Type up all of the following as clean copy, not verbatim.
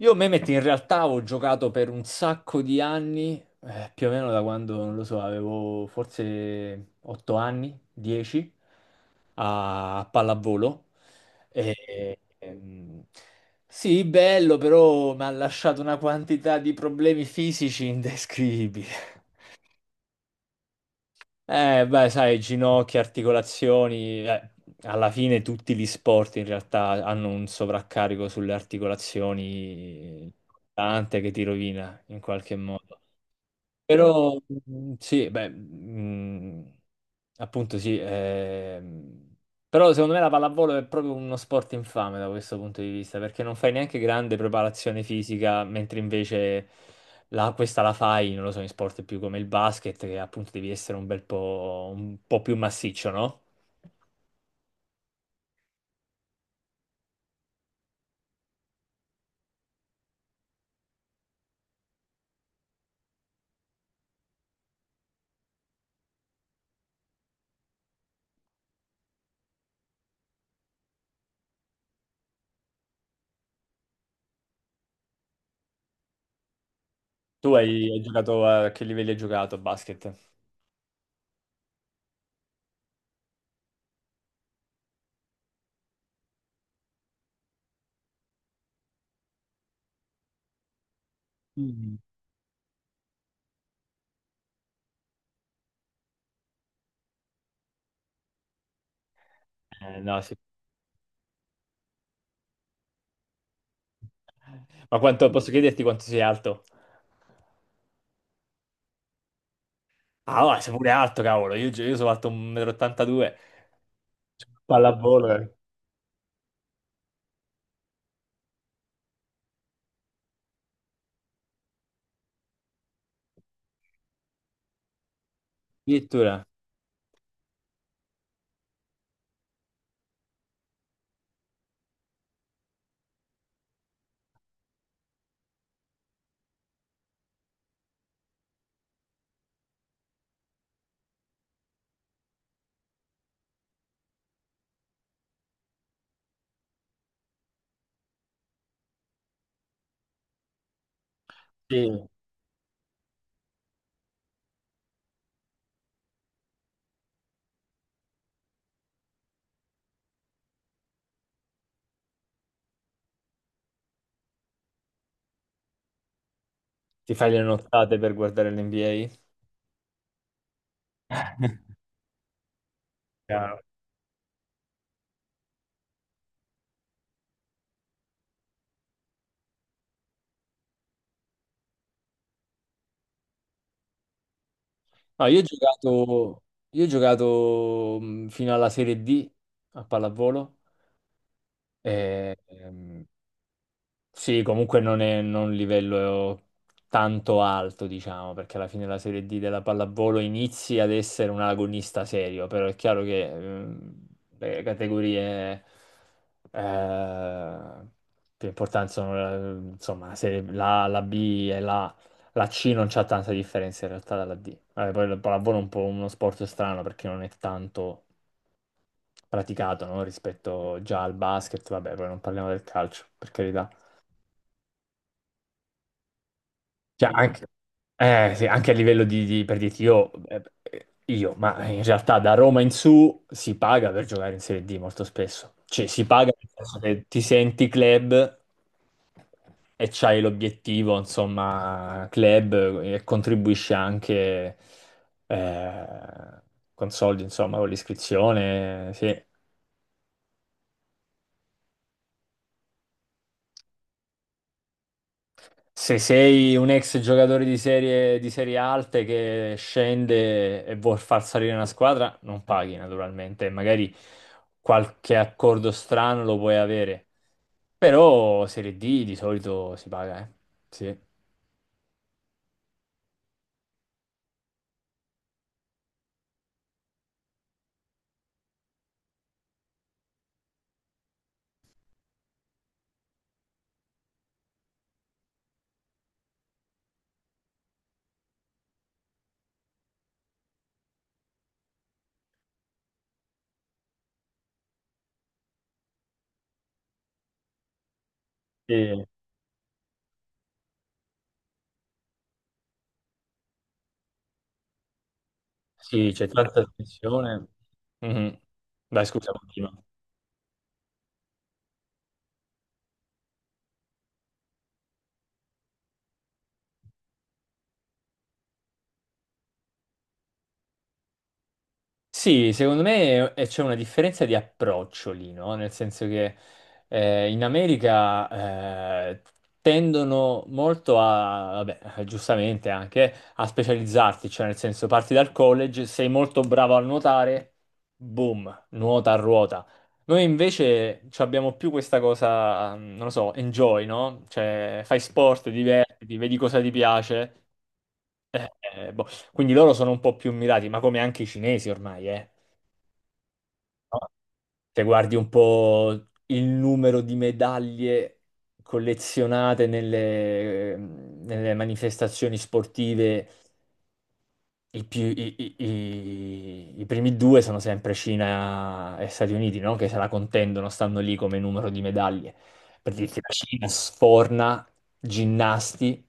Io Mehmet in realtà ho giocato per un sacco di anni, più o meno da quando, non lo so, avevo forse 8 anni, 10, a pallavolo. E, ehm, sì, bello, però mi ha lasciato una quantità di problemi fisici indescrivibili. Beh, sai, ginocchia, articolazioni, alla fine tutti gli sport in realtà hanno un sovraccarico sulle articolazioni tante che ti rovina in qualche modo. Però sì, beh, appunto sì, però secondo me la pallavolo è proprio uno sport infame da questo punto di vista, perché non fai neanche grande preparazione fisica, mentre invece questa la fai, non lo so, in sport più come il basket, che appunto devi essere un bel po', un po' più massiccio, no? Tu hai giocato a che livelli hai giocato a basket? Mm. No, sì. Posso chiederti quanto sei alto? Ah, va, sei pure alto, cavolo. Io sono alto 1,82 m. Pallavolo, eh. Addirittura sì. Ti fai le nottate per guardare l'NBA? Chiaro. No, io ho giocato fino alla Serie D a pallavolo. E, sì, comunque non un livello tanto alto, diciamo, perché alla fine la Serie D della pallavolo inizi ad essere un agonista serio, però è chiaro che le categorie eh, più importanti sono insomma la B e la C non c'ha tanta differenza in realtà dalla D. Vabbè, poi il pallavolo è un po' uno sport strano perché non è tanto praticato, no? Rispetto già al basket, vabbè, poi non parliamo del calcio, per carità. Cioè, anche sì, anche a livello di, per dirti io, ma in realtà da Roma in su si paga per giocare in Serie D molto spesso. Cioè, si paga nel senso che ti senti club e c'hai l'obiettivo, insomma, club e contribuisci anche eh, con soldi, insomma, con l'iscrizione, sì. Se sei un ex giocatore di serie alte che scende e vuol far salire una squadra, non paghi naturalmente, magari qualche accordo strano lo puoi avere, però Serie D di solito si paga, eh. Sì, sì, sì, c'è tanta attenzione. Mhm. Dai, scusa, continua. Sì, secondo me c'è una differenza di approccio lì, no? Nel senso che in America tendono molto a, vabbè, giustamente anche, a specializzarti, cioè nel senso parti dal college, sei molto bravo a nuotare, boom, nuota a ruota. Noi invece ci abbiamo più questa cosa, mm, non lo so, enjoy, no? Cioè fai sport, divertiti, vedi cosa ti piace. eh, eh, boh. Quindi loro sono un po' più mirati, ma come anche i cinesi ormai, eh. Se guardi un po' il numero di medaglie collezionate nelle manifestazioni sportive, i, più- i- i- i- i primi due sono sempre Cina e Stati Uniti, no? Che se la contendono, stanno lì come numero di medaglie. Per dirti, la Cina sforna ginnasti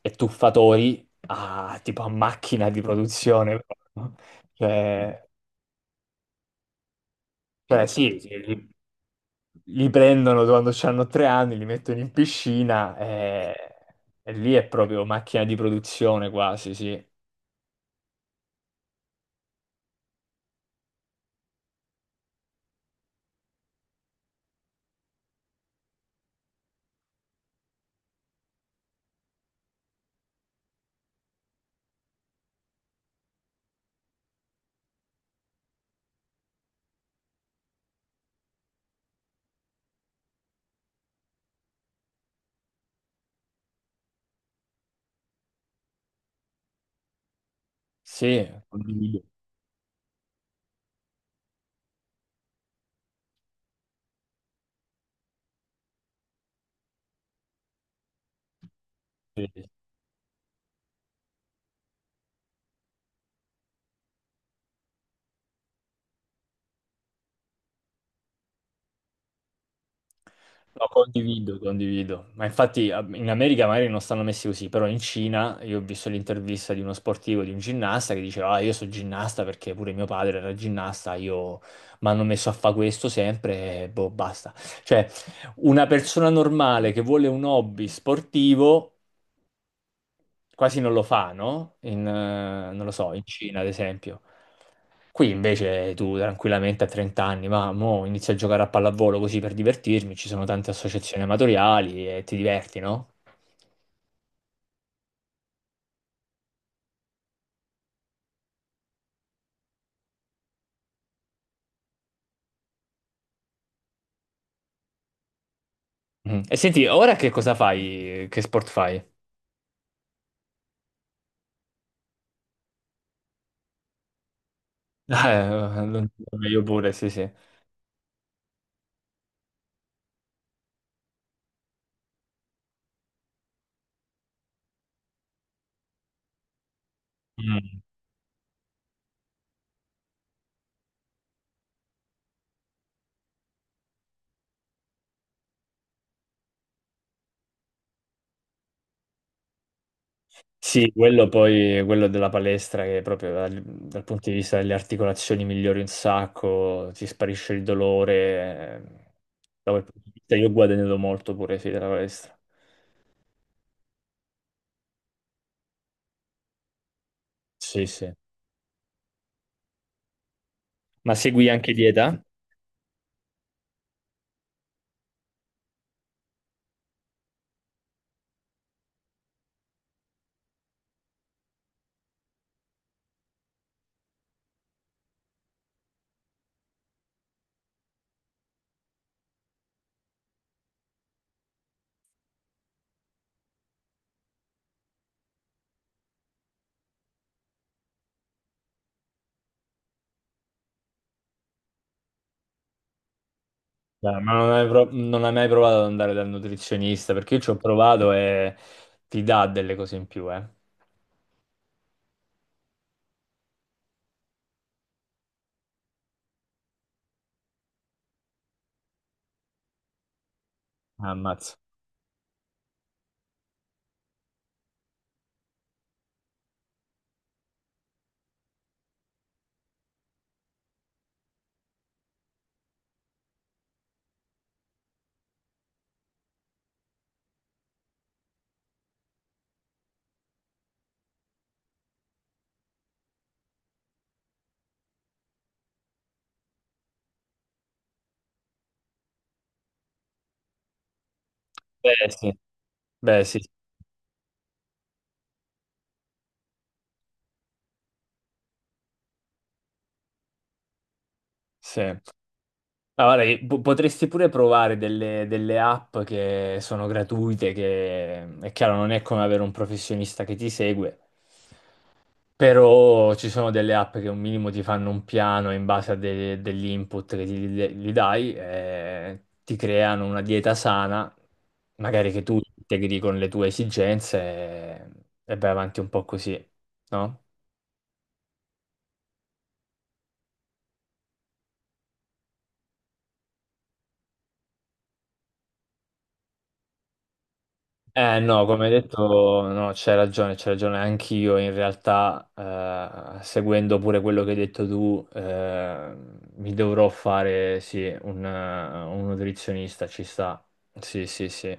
e tuffatori a, tipo a macchina di produzione. No? Cioè, sì, sì, sì. Li prendono quando hanno 3 anni, li mettono in piscina e lì è proprio macchina di produzione quasi, sì. Sì, condivido. Sì. No, condivido, condivido. Ma infatti in America magari non stanno messi così, però in Cina io ho visto l'intervista di uno sportivo, di un ginnasta che diceva, ah, io sono ginnasta perché pure mio padre era ginnasta, io mi hanno messo a fare questo sempre e boh, basta. Cioè, una persona normale che vuole un hobby sportivo quasi non lo fa, no? In, non lo so, in Cina, ad esempio. Qui invece tu tranquillamente a 30 anni, ma mo inizio a giocare a pallavolo così per divertirmi, ci sono tante associazioni amatoriali e ti diverti, no? Mm. E senti, ora che cosa fai? Che sport fai? Io pure, sì, sì. Mm. Sì, quello poi, quello della palestra che proprio dal punto di vista delle articolazioni migliori un sacco, ti sparisce il dolore. Eh, da quel punto di vista io ho guadagnato molto pure, sì, della palestra. Sì, sì. Ma segui anche dieta? Dai, non hai mai provato ad andare dal nutrizionista? Perché io ci ho provato e ti dà delle cose in più, eh. Ah, ammazza. Beh, sì. Beh, sì. Sì. Ma guarda, che potresti pure provare delle app che sono gratuite, che è chiaro non è come avere un professionista che ti segue, però ci sono delle app che un minimo ti fanno un piano in base a degli input che gli dai, e ti creano una dieta sana, magari che tu integri con le tue esigenze e vai avanti un po' così, no? Eh no, come hai detto, no, c'hai ragione anch'io. In realtà, seguendo pure quello che hai detto tu, mi dovrò fare, sì, un nutrizionista, ci sta. Sì, sì, sì.